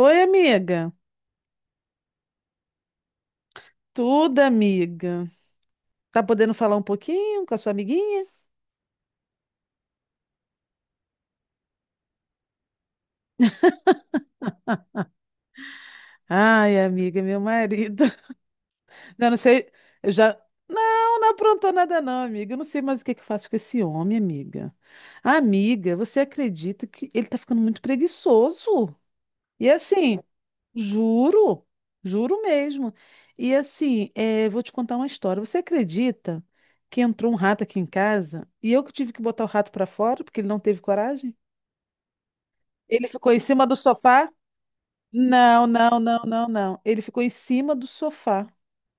Oi, amiga. Tudo, amiga. Tá podendo falar um pouquinho com a sua amiguinha? Ai, amiga, meu marido. Não, não sei. Eu já. Não, não aprontou nada, não, amiga. Eu não sei mais o que que eu faço com esse homem, amiga. Amiga, você acredita que ele tá ficando muito preguiçoso? E assim, juro, juro mesmo. E assim, vou te contar uma história. Você acredita que entrou um rato aqui em casa e eu que tive que botar o rato pra fora porque ele não teve coragem? Ele ficou em cima do sofá? Não, não, não, não, não. Ele ficou em cima do sofá.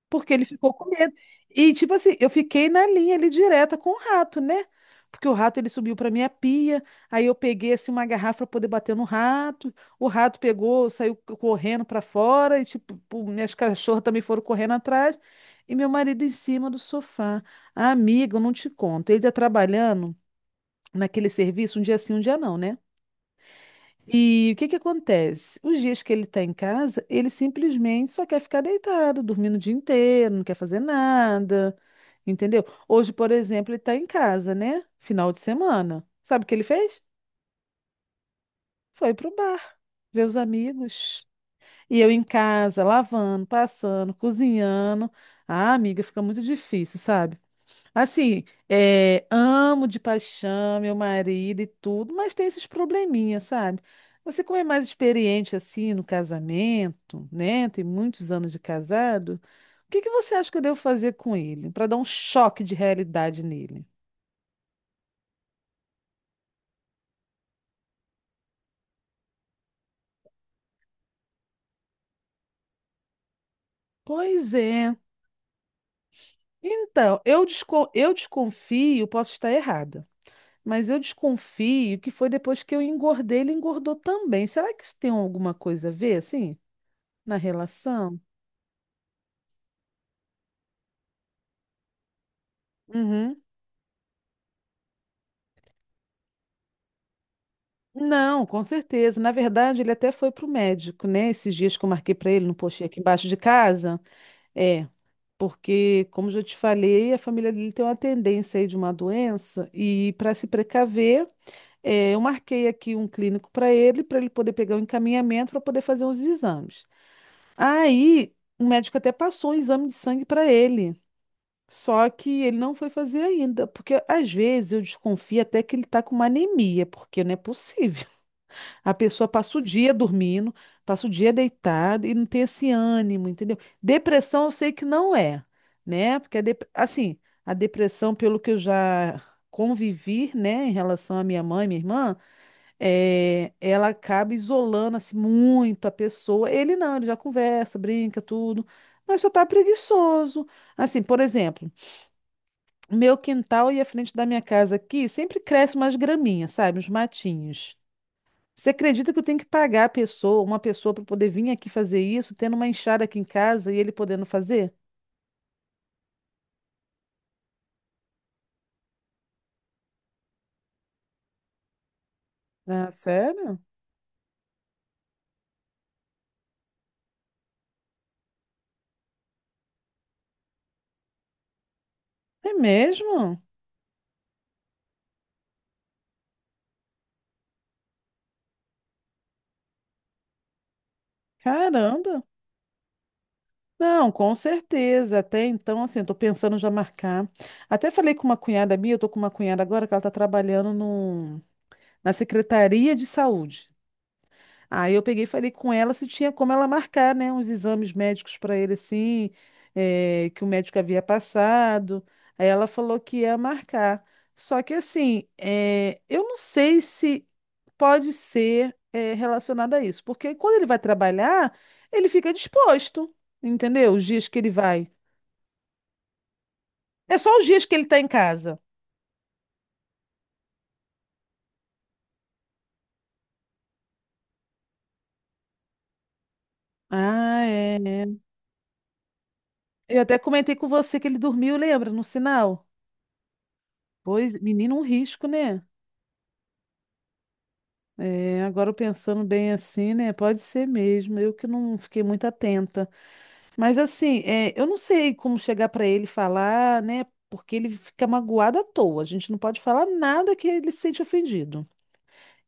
Porque ele ficou com medo. E, tipo assim, eu fiquei na linha ali direta com o rato, né? Porque o rato ele subiu pra minha pia. Aí eu peguei assim uma garrafa pra poder bater no rato. O rato pegou, saiu correndo pra fora. E, tipo, pô, minhas cachorras também foram correndo atrás. E meu marido em cima do sofá. Ah, amiga, eu não te conto. Ele tá trabalhando naquele serviço um dia sim, um dia não, né? E o que que acontece? Os dias que ele está em casa, ele simplesmente só quer ficar deitado, dormindo o dia inteiro, não quer fazer nada, entendeu? Hoje, por exemplo, ele está em casa, né? Final de semana. Sabe o que ele fez? Foi pro bar, ver os amigos. E eu em casa, lavando, passando, cozinhando. Ah, amiga, fica muito difícil, sabe? Assim, amo de paixão meu marido e tudo, mas tem esses probleminhas, sabe? Você, como é mais experiente assim no casamento, né? Tem muitos anos de casado. O que que você acha que eu devo fazer com ele para dar um choque de realidade nele? Pois é. Então, eu desconfio, posso estar errada, mas eu desconfio que foi depois que eu engordei, ele engordou também. Será que isso tem alguma coisa a ver, assim, na relação? Uhum. Não, com certeza. Na verdade, ele até foi para o médico, né? Esses dias que eu marquei para ele no posto aqui embaixo de casa. É, porque, como já te falei, a família dele tem uma tendência aí de uma doença e para se precaver, eu marquei aqui um clínico para ele poder pegar o encaminhamento para poder fazer os exames. Aí, o médico até passou um exame de sangue para ele. Só que ele não foi fazer ainda, porque às vezes eu desconfio até que ele está com uma anemia, porque não é possível. A pessoa passa o dia dormindo, passa o dia deitada e não tem esse ânimo, entendeu? Depressão eu sei que não é, né? Porque assim, a depressão, pelo que eu já convivi, né, em relação à minha mãe, minha irmã, ela acaba isolando assim muito a pessoa. Ele não, ele já conversa, brinca, tudo, mas só tá preguiçoso. Assim, por exemplo, o meu quintal e a frente da minha casa aqui sempre cresce umas graminhas, sabe? Uns matinhos. Você acredita que eu tenho que pagar uma pessoa para poder vir aqui fazer isso, tendo uma enxada aqui em casa e ele podendo fazer? Ah, sério? É mesmo? Caramba! Não, com certeza. Até então, assim, eu tô pensando já marcar. Até falei com uma cunhada minha, eu tô com uma cunhada agora que ela tá trabalhando no, na Secretaria de Saúde. Aí eu peguei e falei com ela se tinha como ela marcar, né, uns exames médicos para ele, assim, que o médico havia passado. Aí ela falou que ia marcar. Só que, assim, eu não sei se pode ser, relacionado a isso, porque quando ele vai trabalhar, ele fica disposto, entendeu? Os dias que ele vai. É só os dias que ele está em casa. Ah, é. É. Eu até comentei com você que ele dormiu, lembra, no sinal? Pois, menino, um risco, né? É, agora pensando bem assim, né? Pode ser mesmo. Eu que não fiquei muito atenta. Mas assim, eu não sei como chegar para ele e falar, né? Porque ele fica magoado à toa. A gente não pode falar nada que ele se sente ofendido.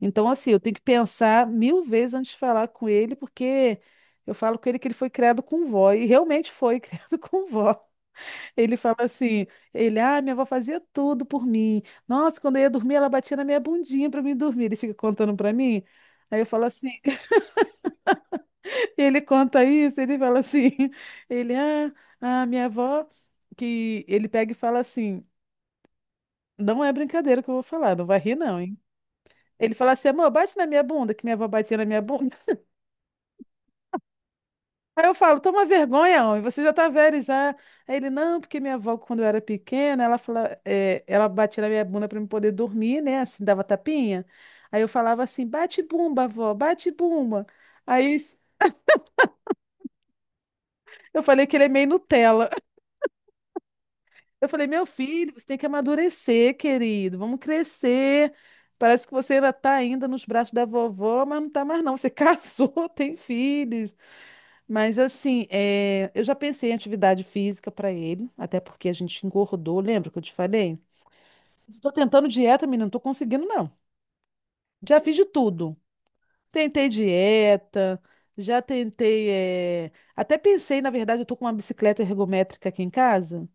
Então, assim, eu tenho que pensar mil vezes antes de falar com ele, porque eu falo com ele que ele foi criado com vó, e realmente foi criado com vó. Ele fala: minha avó fazia tudo por mim. Nossa, quando eu ia dormir, ela batia na minha bundinha para mim dormir. Ele fica contando para mim. Aí eu falo assim, Ele conta isso, ele fala: a minha avó, que ele pega e fala assim, não é brincadeira que eu vou falar, não vai rir não, hein? Ele fala assim, amor, bate na minha bunda, que minha avó batia na minha bunda. Aí eu falo, toma vergonha, homem, você já tá velho já. Aí ele, não, porque minha avó, quando eu era pequena, ela fala, é, ela batia na minha bunda para eu poder dormir, né? Assim, dava tapinha. Aí eu falava assim, bate bumba, avó, bate bumba. Aí eu falei que ele é meio Nutella. Eu falei, meu filho, você tem que amadurecer, querido. Vamos crescer. Parece que você ainda está ainda nos braços da vovó, mas não está mais não. Você casou, tem filhos. Mas assim, eu já pensei em atividade física para ele, até porque a gente engordou, lembra que eu te falei? Estou tentando dieta, menina, não estou conseguindo não. Já fiz de tudo. Tentei dieta, já tentei, até pensei, na verdade, eu tô com uma bicicleta ergométrica aqui em casa.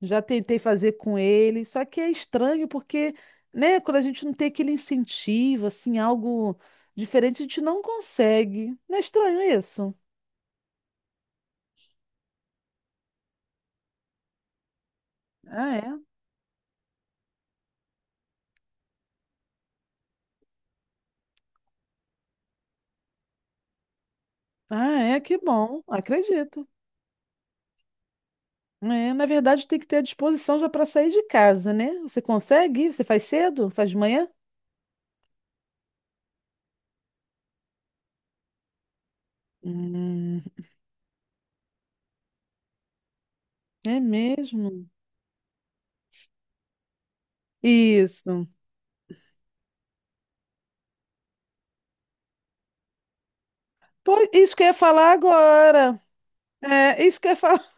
Já tentei fazer com ele, só que é estranho porque, né, quando a gente não tem aquele incentivo, assim, algo diferente, a gente não consegue. Não é estranho isso? Ah, é? Ah, é, que bom, acredito. É, na verdade, tem que ter a disposição já para sair de casa, né? Você consegue? Você faz cedo? Faz de manhã? Hum, é mesmo? Isso. Pô, isso que eu ia falar agora. É, isso que eu ia falar.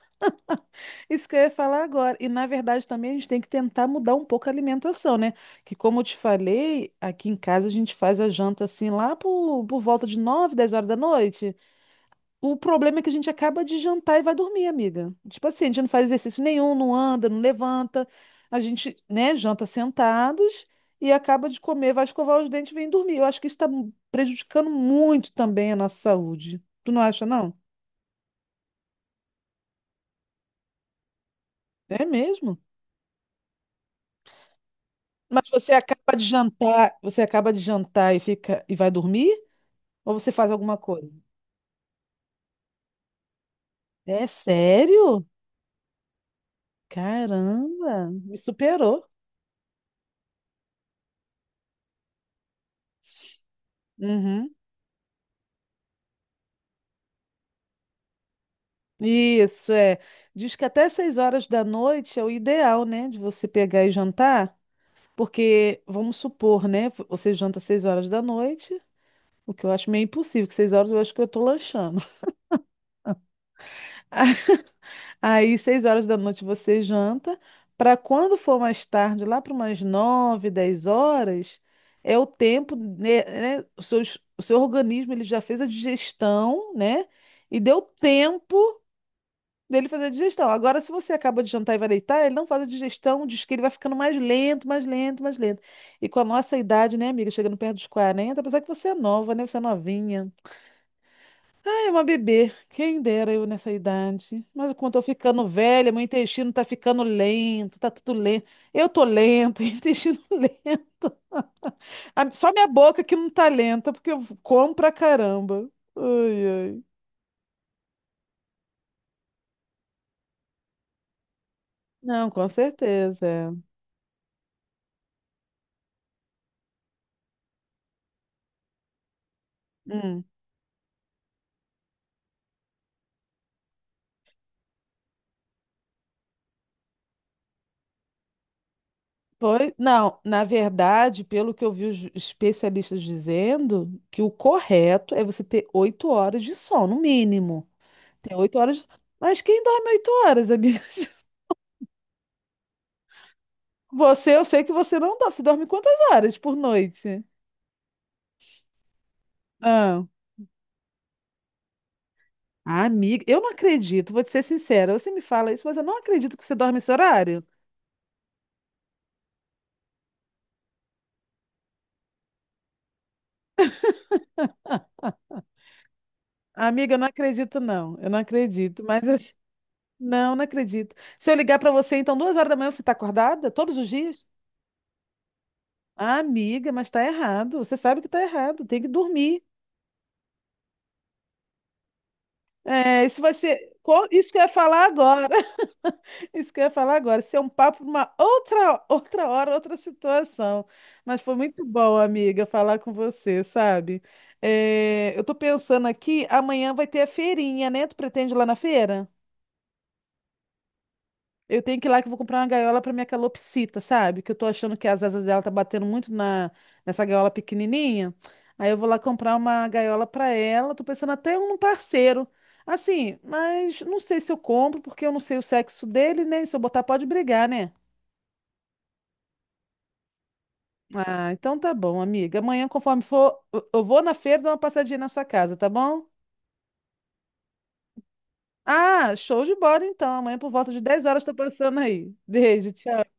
Isso que eu ia falar agora. E na verdade também a gente tem que tentar mudar um pouco a alimentação, né? Que como eu te falei, aqui em casa a gente faz a janta assim lá por volta de 9, 10 horas da noite. O problema é que a gente acaba de jantar e vai dormir, amiga. Tipo assim, a gente não faz exercício nenhum, não anda, não levanta. A gente, né, janta sentados e acaba de comer, vai escovar os dentes e vem dormir. Eu acho que isso está prejudicando muito também a nossa saúde. Tu não acha, não? É mesmo? Mas você acaba de jantar e fica e vai dormir? Ou você faz alguma coisa? É sério? Caramba, me superou. Uhum. Isso é. Diz que até 6 horas da noite é o ideal, né, de você pegar e jantar, porque vamos supor, né, você janta 6 horas da noite, o que eu acho meio impossível, que 6 horas eu acho que eu tô lanchando. Aí, 6 horas da noite você janta, para quando for mais tarde, lá para umas 9, 10 horas, é o tempo, né, né, o seu, o seu organismo ele já fez a digestão, né? E deu tempo dele fazer a digestão. Agora, se você acaba de jantar e vai deitar, ele não faz a digestão, diz que ele vai ficando mais lento, mais lento, mais lento. E com a nossa idade, né, amiga, chegando perto dos 40, apesar que você é nova, né? Você é novinha. É uma bebê, quem dera eu nessa idade. Mas quando eu tô ficando velha, meu intestino tá ficando lento, tá tudo lento. Eu tô lenta, intestino lento. Só minha boca que não tá lenta, porque eu como pra caramba. Ai, ai. Não, com certeza. É. Hum. Pois, não, na verdade, pelo que eu vi os especialistas dizendo, que o correto é você ter 8 horas de sono, no mínimo. Tem 8 horas. Mas quem dorme 8 horas, amiga? Você, eu sei que você não dorme. Você dorme quantas horas por noite? Ah, amiga, eu não acredito, vou te ser sincera. Você me fala isso, mas eu não acredito que você dorme esse horário. Amiga, eu não acredito, não. Eu não acredito, mas assim, não acredito. Se eu ligar pra você, então, 2 horas da manhã, você tá acordada? Todos os dias? Ah, amiga, mas tá errado. Você sabe que tá errado. Tem que dormir. Isso que eu ia falar agora. Isso que eu ia falar agora. Isso é um papo para uma outra hora, outra situação. Mas foi muito bom, amiga, falar com você, sabe? É, eu tô pensando aqui, amanhã vai ter a feirinha, né? Tu pretende ir lá na feira? Eu tenho que ir lá que eu vou comprar uma gaiola para minha calopsita, sabe? Que eu tô achando que as asas dela tá batendo muito na nessa gaiola pequenininha. Aí eu vou lá comprar uma gaiola para ela. Tô pensando até um parceiro. Assim, mas não sei se eu compro, porque eu não sei o sexo dele, né? Se eu botar, pode brigar, né? Ah, então tá bom, amiga. Amanhã, conforme for, eu vou na feira dar uma passadinha na sua casa, tá bom? Ah, show de bola então. Amanhã por volta de 10 horas estou passando aí. Beijo, tchau.